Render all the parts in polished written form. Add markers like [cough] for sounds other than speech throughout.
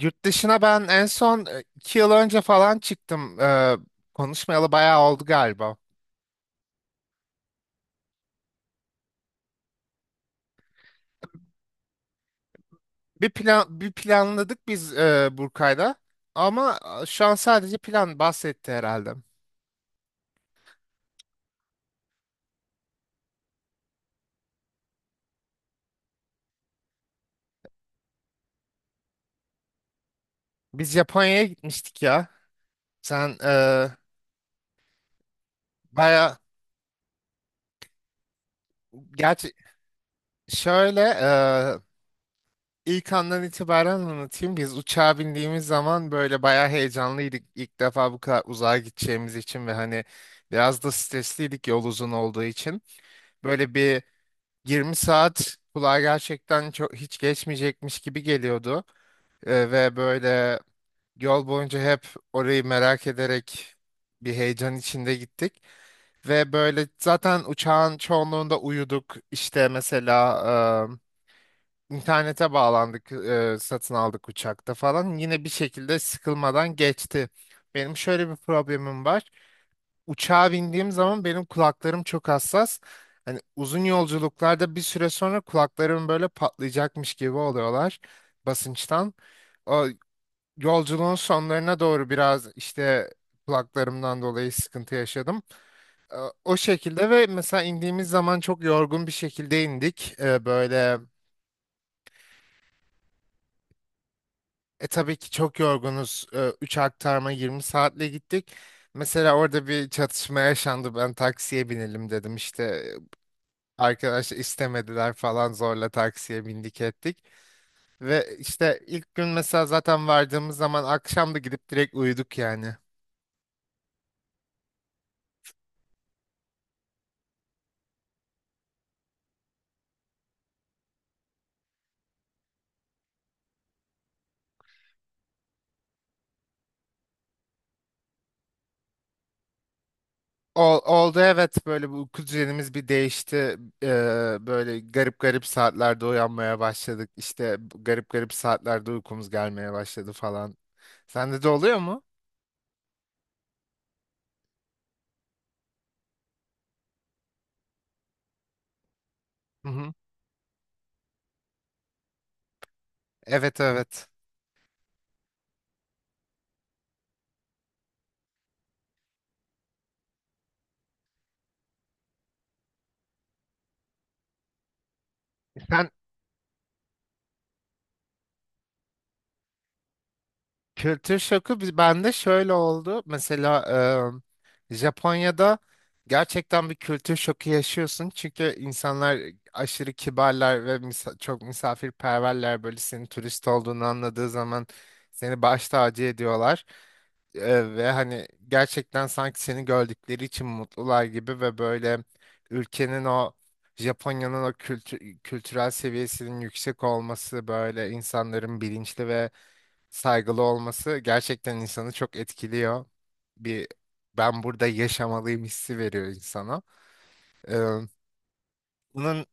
Yurt dışına ben en son iki yıl önce falan çıktım. Konuşmayalı bayağı oldu galiba. Bir planladık biz Burkay'la. Ama şu an sadece plan bahsetti herhalde. Biz Japonya'ya gitmiştik ya. Sen e, bayağı gerçi şöyle e, ilk andan itibaren anlatayım. Biz uçağa bindiğimiz zaman böyle bayağı heyecanlıydık. İlk defa bu kadar uzağa gideceğimiz için ve hani biraz da stresliydik yol uzun olduğu için. Böyle bir 20 saat kulağa gerçekten çok hiç geçmeyecekmiş gibi geliyordu. Ve böyle yol boyunca hep orayı merak ederek bir heyecan içinde gittik. Ve böyle zaten uçağın çoğunluğunda uyuduk. İşte mesela internete bağlandık, satın aldık uçakta falan. Yine bir şekilde sıkılmadan geçti. Benim şöyle bir problemim var, uçağa bindiğim zaman benim kulaklarım çok hassas. Hani uzun yolculuklarda bir süre sonra kulaklarım böyle patlayacakmış gibi oluyorlar, basınçtan. O yolculuğun sonlarına doğru biraz işte kulaklarımdan dolayı sıkıntı yaşadım. E, O şekilde ve mesela indiğimiz zaman çok yorgun bir şekilde indik. E, Böyle e Tabii ki çok yorgunuz. Üç aktarma 20 saatle gittik. Mesela orada bir çatışma yaşandı. Ben taksiye binelim dedim işte. Arkadaş istemediler falan, zorla taksiye bindik ettik. Ve işte ilk gün mesela zaten vardığımız zaman akşam da gidip direkt uyuduk yani. Oldu evet, böyle bu uyku düzenimiz bir değişti. Böyle garip garip saatlerde uyanmaya başladık. İşte bu garip garip saatlerde uykumuz gelmeye başladı falan. Sende de oluyor mu? Hı hı. Evet evet. Sen. Kültür şoku bende şöyle oldu. Mesela Japonya'da gerçekten bir kültür şoku yaşıyorsun. Çünkü insanlar aşırı kibarlar ve çok misafirperverler. Böyle senin turist olduğunu anladığı zaman seni baş tacı ediyorlar. Ve hani gerçekten sanki seni gördükleri için mutlular gibi ve böyle ülkenin o Japonya'nın o kültürel seviyesinin yüksek olması, böyle insanların bilinçli ve saygılı olması gerçekten insanı çok etkiliyor. Bir ben burada yaşamalıyım hissi veriyor insana. Ee, bunun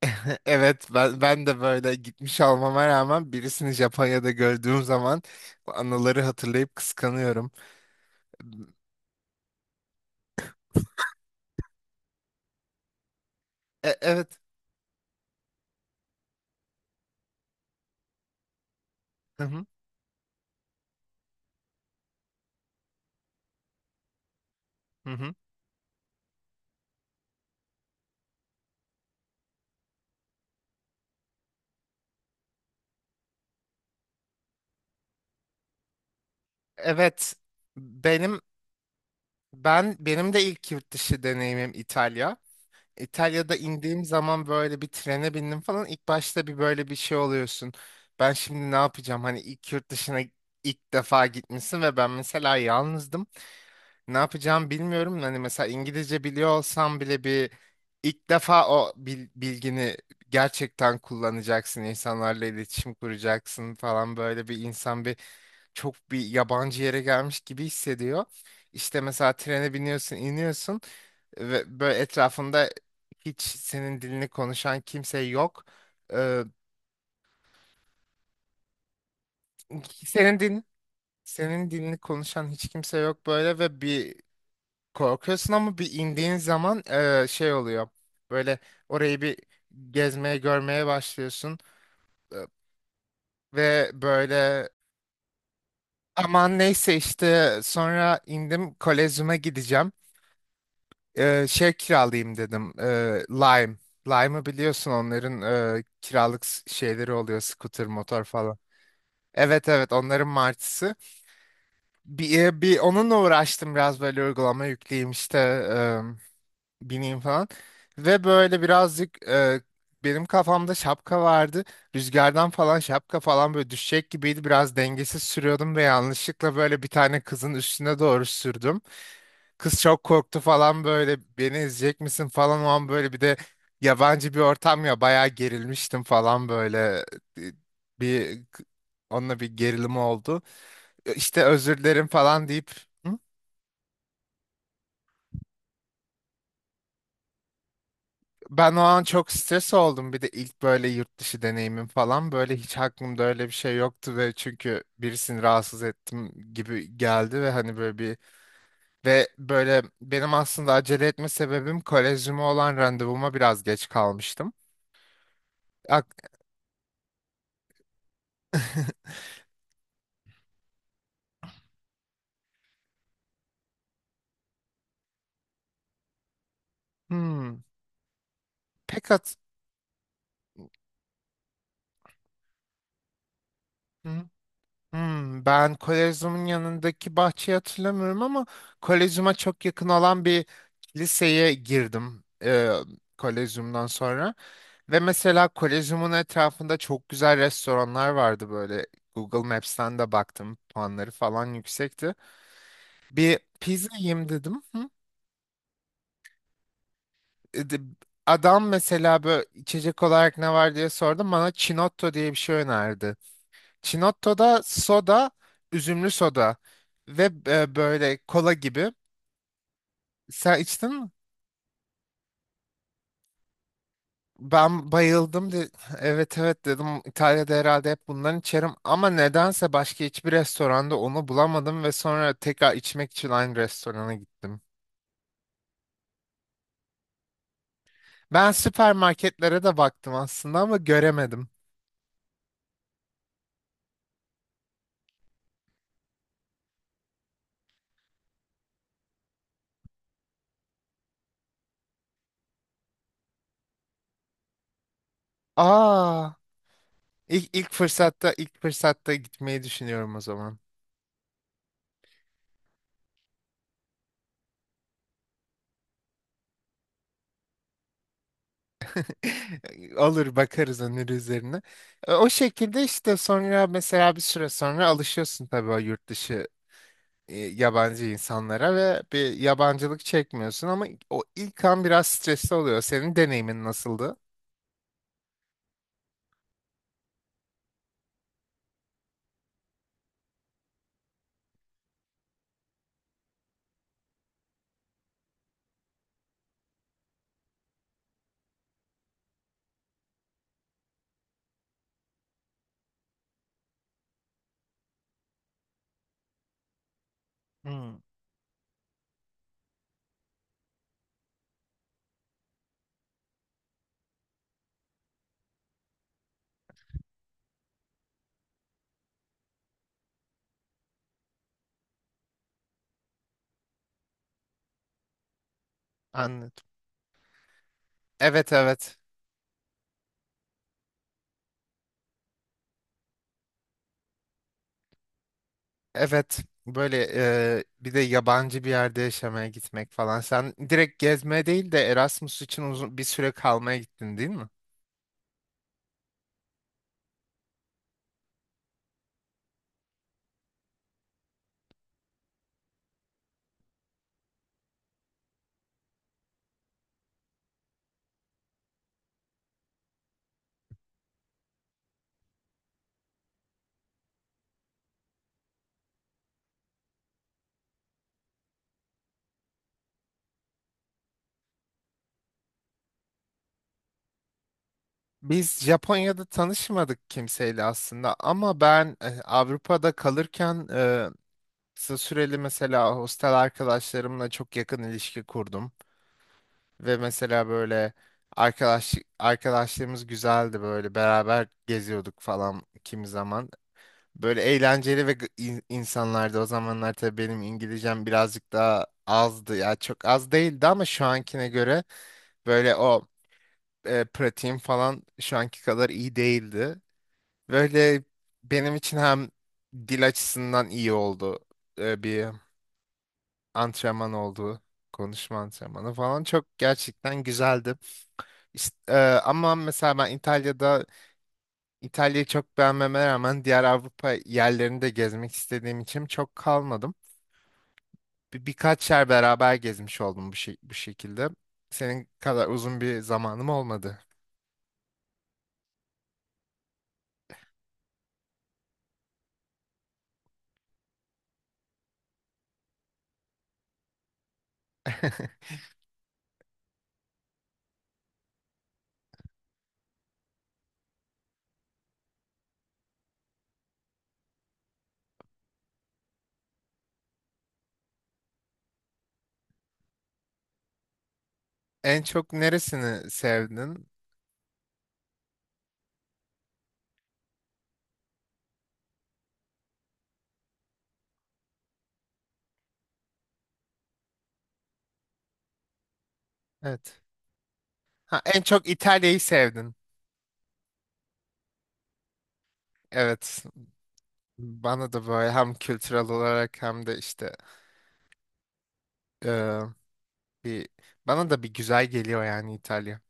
[laughs] evet, ben de böyle gitmiş olmama rağmen birisini Japonya'da gördüğüm zaman bu anıları hatırlayıp kıskanıyorum. Evet. Hı hı, hı hı. Evet. Benim benim de ilk yurt dışı deneyimim İtalya. İtalya'da indiğim zaman böyle bir trene bindim falan. İlk başta bir böyle bir şey oluyorsun. Ben şimdi ne yapacağım? Hani ilk yurt dışına ilk defa gitmişsin ve ben mesela yalnızdım. Ne yapacağımı bilmiyorum. Hani mesela İngilizce biliyor olsam bile bir ilk defa o bilgini gerçekten kullanacaksın. İnsanlarla iletişim kuracaksın falan, böyle bir insan bir yabancı yere gelmiş gibi hissediyor. İşte mesela trene biniyorsun, iniyorsun ve böyle etrafında hiç senin dilini konuşan kimse yok. Ee, senin din Senin dilini konuşan hiç kimse yok böyle ve bir korkuyorsun ama bir indiğin zaman şey oluyor. Böyle orayı bir gezmeye görmeye başlıyorsun. Ee, ve böyle Aman neyse işte sonra indim, kolezyuma gideceğim. Şey kiralayayım dedim. Lime. Lime'ı biliyorsun, onların kiralık şeyleri oluyor. Scooter, motor falan. Evet evet, onların martısı. Bir onunla uğraştım biraz, böyle uygulama yükleyeyim işte, bineyim falan. Ve böyle birazcık benim kafamda şapka vardı. Rüzgardan falan şapka falan böyle düşecek gibiydi. Biraz dengesiz sürüyordum ve yanlışlıkla böyle bir tane kızın üstüne doğru sürdüm. Kız çok korktu falan, böyle beni izleyecek misin falan o an, böyle bir de yabancı bir ortam ya, bayağı gerilmiştim falan böyle. E, bir Onunla bir gerilim oldu. İşte özür dilerim falan deyip. Hı? Ben o an çok stres oldum, bir de ilk böyle yurt dışı deneyimim falan, böyle hiç aklımda öyle bir şey yoktu ve çünkü birisini rahatsız ettim gibi geldi ve hani böyle bir. Ve böyle benim aslında acele etme sebebim, kolezyuma olan randevuma biraz geç kalmıştım. [laughs] Hmm. Pek. Hmm. Hmm. Ben Kolezyum'un yanındaki bahçeyi hatırlamıyorum ama Kolezyum'a çok yakın olan bir kiliseye girdim. Kolezyum'dan sonra. Ve mesela Kolezyum'un etrafında çok güzel restoranlar vardı böyle. Google Maps'ten de baktım. Puanları falan yüksekti. Bir pizza yiyeyim dedim. Hı? E, de- Adam mesela böyle, içecek olarak ne var diye sordum. Bana Chinotto diye bir şey önerdi. Çinotto'da soda, üzümlü soda ve böyle kola gibi. Sen içtin mi? Ben bayıldım. De, evet evet dedim. İtalya'da herhalde hep bundan içerim. Ama nedense başka hiçbir restoranda onu bulamadım ve sonra tekrar içmek için aynı restorana gittim. Ben süpermarketlere de baktım aslında ama göremedim. Aa, ilk fırsatta gitmeyi düşünüyorum o zaman. Olur, bakarız onun üzerine. O şekilde işte sonra mesela bir süre sonra alışıyorsun tabii o yurt dışı yabancı insanlara ve bir yabancılık çekmiyorsun ama o ilk an biraz stresli oluyor. Senin deneyimin nasıldı? Hmm, anladım. Evet evet. Evet. Böyle bir de yabancı bir yerde yaşamaya gitmek falan. Sen direkt gezmeye değil de Erasmus için uzun bir süre kalmaya gittin değil mi? Biz Japonya'da tanışmadık kimseyle aslında ama ben Avrupa'da kalırken kısa süreli mesela hostel arkadaşlarımla çok yakın ilişki kurdum ve mesela böyle arkadaşlığımız güzeldi, böyle beraber geziyorduk falan kimi zaman. Böyle eğlenceli ve insanlardı. O zamanlar tabii benim İngilizcem birazcık daha azdı. Ya çok az değildi ama şu ankine göre böyle o pratiğim falan şu anki kadar iyi değildi. Böyle benim için hem dil açısından iyi oldu. Bir antrenman oldu. Konuşma antrenmanı falan çok gerçekten güzeldi. İşte, ama mesela ben İtalya'yı çok beğenmeme rağmen diğer Avrupa yerlerini de gezmek istediğim için çok kalmadım. Birkaç yer beraber gezmiş oldum bu, şey, bu şekilde. Senin kadar uzun bir zamanım olmadı. [laughs] En çok neresini sevdin? Evet. Ha, en çok İtalya'yı sevdin. Evet. Bana da böyle hem kültürel olarak hem de işte eee, bir bana da bir güzel geliyor yani İtalya.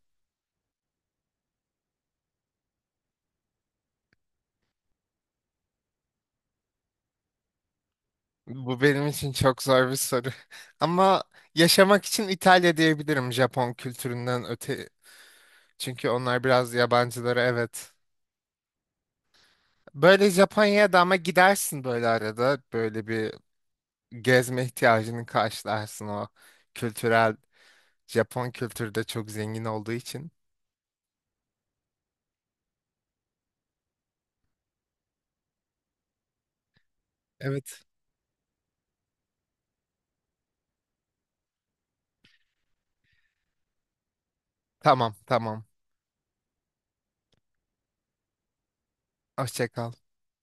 Bu benim için çok zor bir soru. [laughs] Ama yaşamak için İtalya diyebilirim, Japon kültüründen öte. Çünkü onlar biraz yabancılara, evet. Böyle Japonya'ya da ama gidersin böyle arada. Böyle bir gezme ihtiyacını karşılarsın, o kültürel. Japon kültürü de çok zengin olduğu için. Evet. Tamam tamam. Hoşça kal.